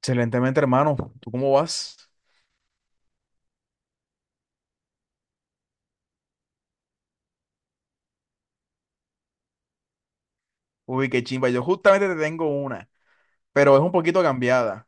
Excelentemente, hermano. ¿Tú cómo vas? Uy, qué chimba. Yo justamente te tengo una, pero es un poquito cambiada.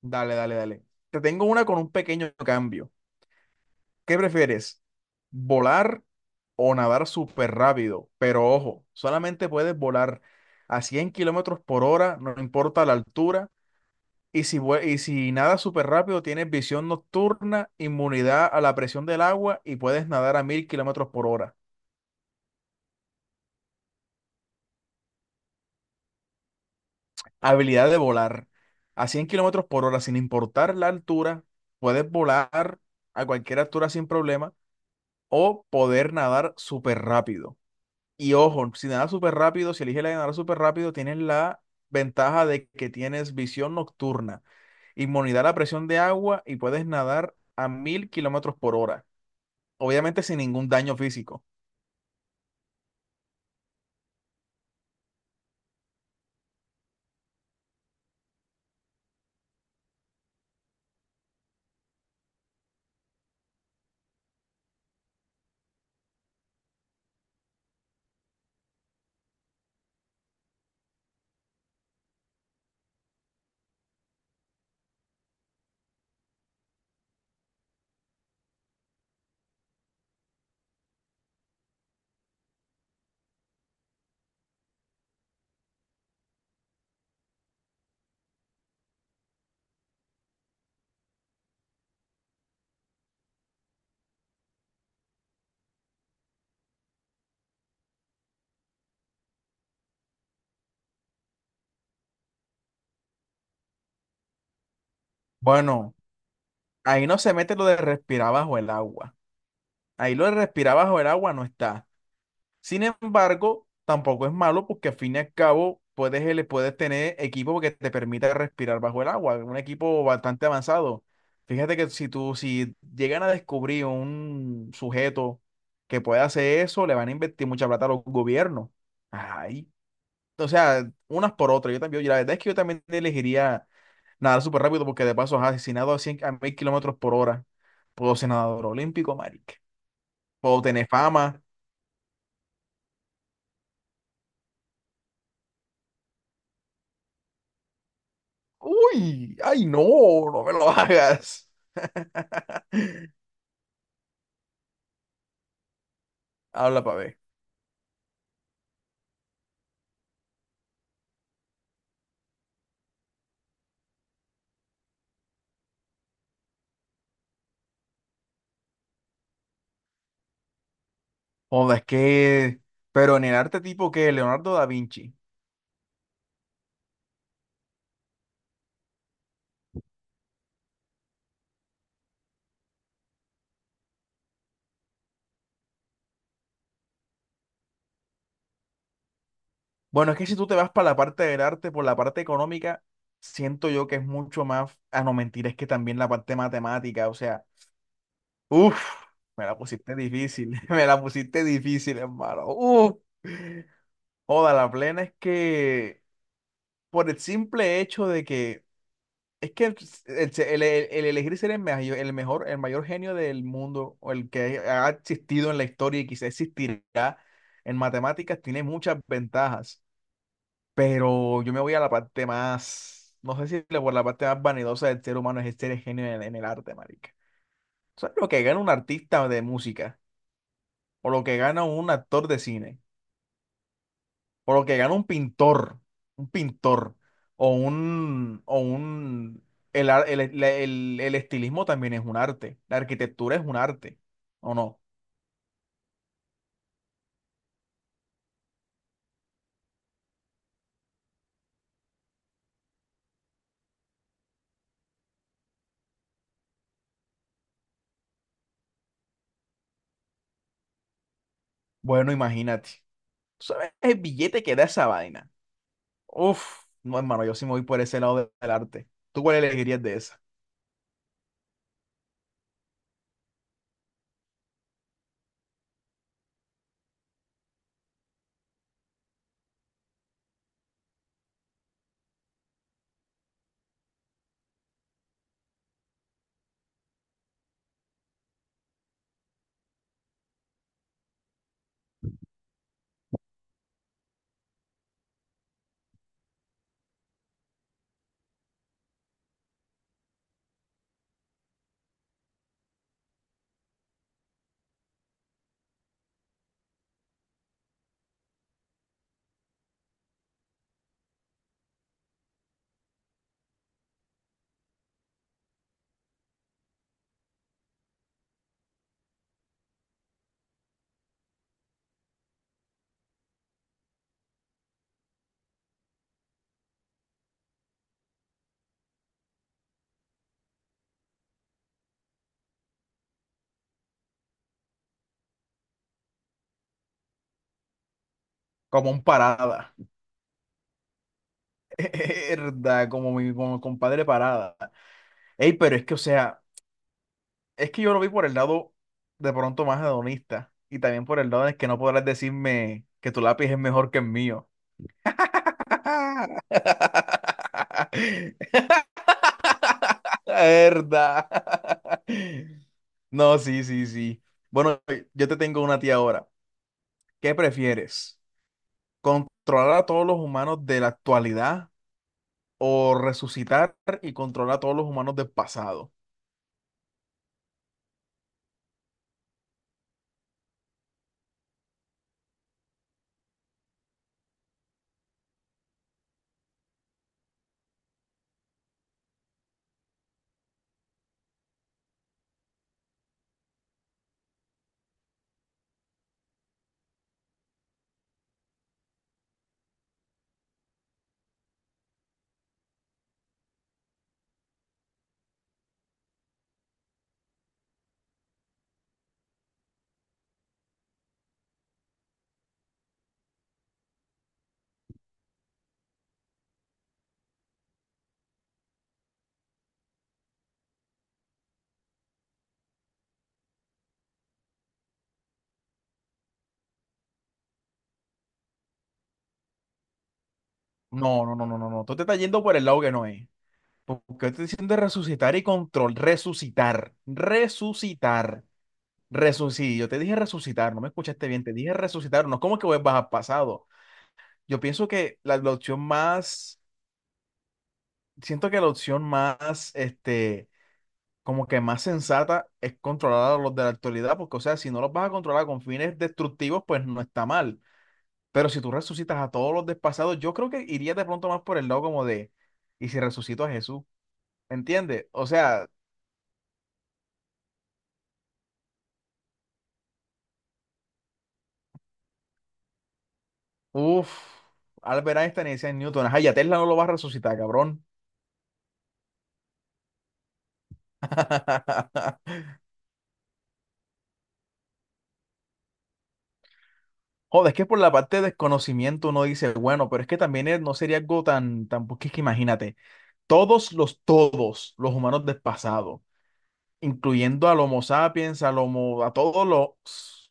Dale, dale, dale. Te tengo una con un pequeño cambio. ¿Qué prefieres? ¿Volar o nadar súper rápido? Pero ojo, solamente puedes volar a 100 km/h, no importa la altura. Y si nadas súper rápido, tienes visión nocturna, inmunidad a la presión del agua y puedes nadar a 1.000 km/h. Habilidad de volar. A 100 kilómetros por hora, sin importar la altura, puedes volar a cualquier altura sin problema o poder nadar súper rápido. Y ojo, si nadas súper rápido, si eliges la de nadar súper rápido, tienes la ventaja de que tienes visión nocturna, inmunidad a la presión de agua y puedes nadar a 1000 kilómetros por hora. Obviamente sin ningún daño físico. Bueno, ahí no se mete lo de respirar bajo el agua. Ahí lo de respirar bajo el agua no está. Sin embargo, tampoco es malo porque al fin y al cabo puedes, ele- puedes tener equipo que te permita respirar bajo el agua, un equipo bastante avanzado. Fíjate que si llegan a descubrir un sujeto que puede hacer eso, le van a invertir mucha plata a los gobiernos. Ay, o sea, unas por otras. Yo también, yo la verdad es que yo también elegiría nadar súper rápido porque de paso, ajá, si nado a 1.000 km/h, puedo ser nadador olímpico, marica. Puedo tener fama. Uy, ay, no, no me lo hagas. Habla para ver. Joda, es que, pero en el arte tipo que Leonardo da Vinci. Bueno, es que si tú te vas para la parte del arte, por la parte económica, siento yo que es mucho más, a no mentir, es que también la parte matemática, o sea, uff, me la pusiste difícil, me la pusiste difícil, hermano. Uff, joda, la plena es que por el simple hecho de que es que el elegir ser el mayor, el mejor, el mayor genio del mundo o el que ha existido en la historia y quizá existirá en matemáticas tiene muchas ventajas, pero yo me voy a la parte más, no sé si le- por la parte más vanidosa del ser humano es ser el genio en el arte, marica. ¿Sabes lo que gana un artista de música o lo que gana un actor de cine? Por lo que gana un pintor, o un, o un, el, ar- el estilismo también es un arte, la arquitectura es un arte, ¿o no? Bueno, imagínate, ¿tú sabes el billete que da esa vaina? Uf, no, hermano, yo sí me voy por ese lado del arte. ¿Tú cuál elegirías de esa? Como un parada, verdad, como mi compadre parada. Ey, pero es que, o sea... Es que yo lo vi por el lado de pronto más hedonista y también por el lado de que no podrás decirme que tu lápiz es mejor que el mío. La verdad. No, sí, sí, sí. Bueno, yo te tengo una tía ahora. ¿Qué prefieres? ¿Controlar a todos los humanos de la actualidad o resucitar y controlar a todos los humanos del pasado? No, no, no, no, no, no. Tú te estás yendo por el lado que no es. Porque estoy diciendo resucitar y control. Resucitar. Resucitar. Resucitar. Yo te dije resucitar, no me escuchaste bien. Te dije resucitar. No es como que vuelvas al pasado. Yo pienso que la opción más. Siento que la opción más, como que más sensata es controlar a los de la actualidad, porque, o sea, si no los vas a controlar con fines destructivos, pues no está mal. Pero si tú resucitas a todos los del pasado, yo creo que iría de pronto más por el lado como de, ¿y si resucito a Jesús? ¿Entiendes? O sea, uf, Albert Einstein y Isaac Newton. Ajá, ya Tesla no lo va a resucitar, cabrón. Joder, es que por la parte de desconocimiento uno dice, bueno, pero es que también no sería algo tan, tan, porque es que imagínate, todos los humanos del pasado, incluyendo al Homo sapiens, al Homo, a todos los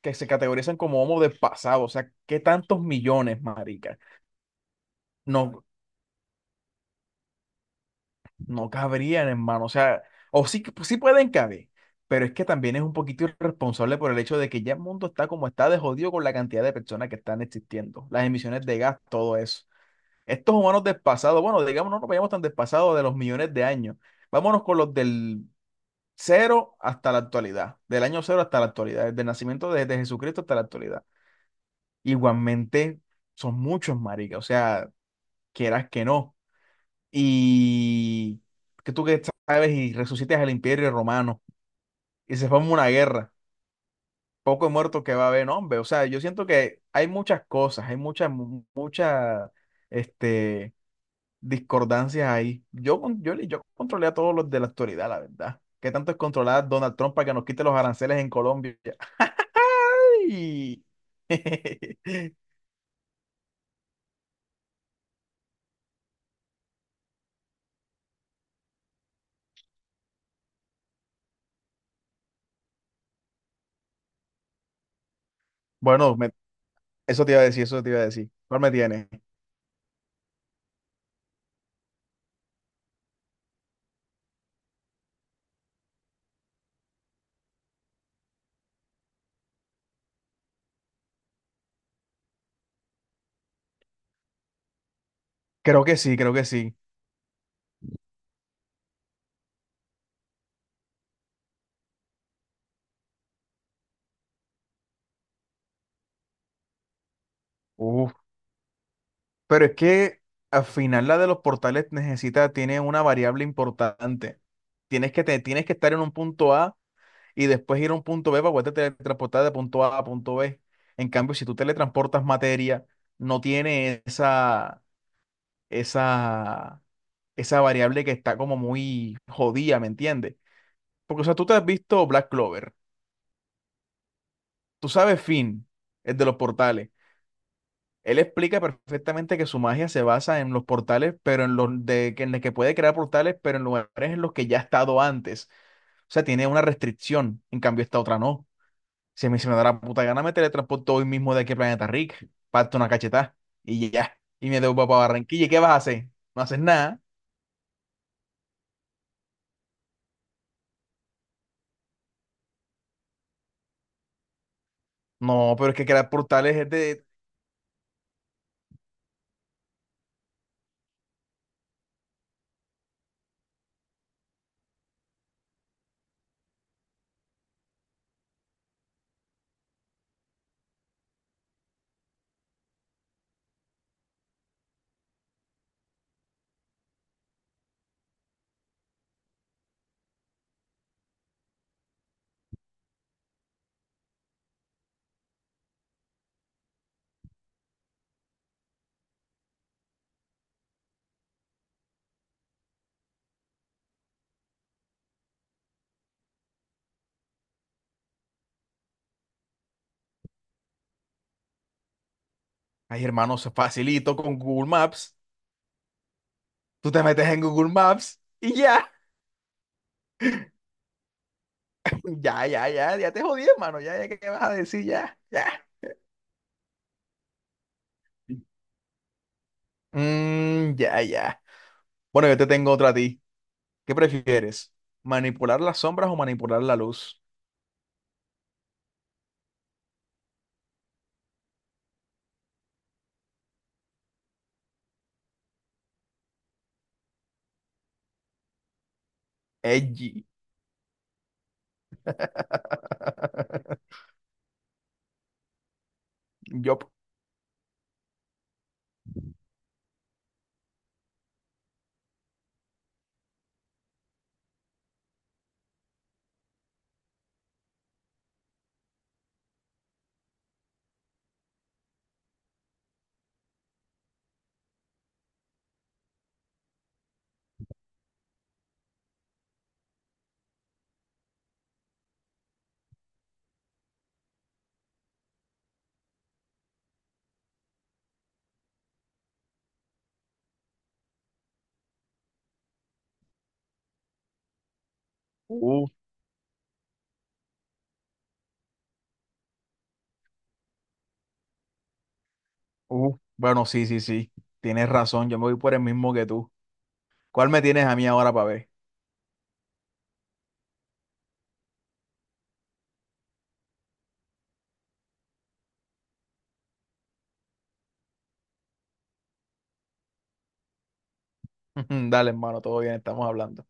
que se categorizan como Homo del pasado, o sea, ¿qué tantos millones, marica? No, no cabrían, hermano. O sea, o sí, sí pueden caber, pero es que también es un poquito irresponsable por el hecho de que ya el mundo está como está de jodido con la cantidad de personas que están existiendo, las emisiones de gas, todo eso. Estos humanos despasados, bueno, digamos, no nos vayamos tan despasados de los millones de años. Vámonos con los del cero hasta la actualidad, del año cero hasta la actualidad, desde el nacimiento de Jesucristo hasta la actualidad. Igualmente son muchos, marica, o sea, quieras que no y que tú que sabes y resucites al imperio romano y se forma una guerra, poco muerto que va a haber, no, hombre. O sea, yo siento que hay muchas cosas, hay muchas, muchas, este, discordancias ahí. Yo controlé a todos los de la actualidad, la verdad. ¿Qué tanto es controlar a Donald Trump para que nos quite los aranceles en Colombia? ¡Ay! Bueno, eso te iba a decir, eso te iba a decir. ¿Cuál me tiene? Creo que sí, creo que sí. Uf. Pero es que al final la de los portales necesita, tiene una variable importante. Tienes que, tienes que estar en un punto A y después ir a un punto B para poder teletransportar de punto A a punto B. En cambio, si tú teletransportas materia, no tiene esa, esa variable que está como muy jodida, ¿me entiendes? Porque, o sea, tú te has visto Black Clover, tú sabes Finn, el de los portales. Él explica perfectamente que su magia se basa en los portales, pero en el que puede crear portales, pero en lugares en los que ya ha estado antes. O sea, tiene una restricción. En cambio, esta otra no. Si a mí se me da la puta gana, me teletransporto hoy mismo de aquí al planeta Rick, parto una cachetada y ya. Y me devuelvo para Barranquilla. ¿Y qué vas a hacer? No haces nada. No, pero es que crear portales es de. Ay, hermano, se facilito con Google Maps. Tú te metes en Google Maps y ya. Ya, ya, ya. Ya te jodí, hermano. Ya, ya, ¿qué vas a decir? Ya, ya. Mm, ya, ya. Bueno, yo te tengo otra a ti. ¿Qué prefieres? ¿Manipular las sombras o manipular la luz? Edgy. Yo. Uh, Bueno, sí, sí, sí. Tienes razón. Yo me voy por el mismo que tú. ¿Cuál me tienes a mí ahora para ver? Dale, hermano, todo bien, estamos hablando.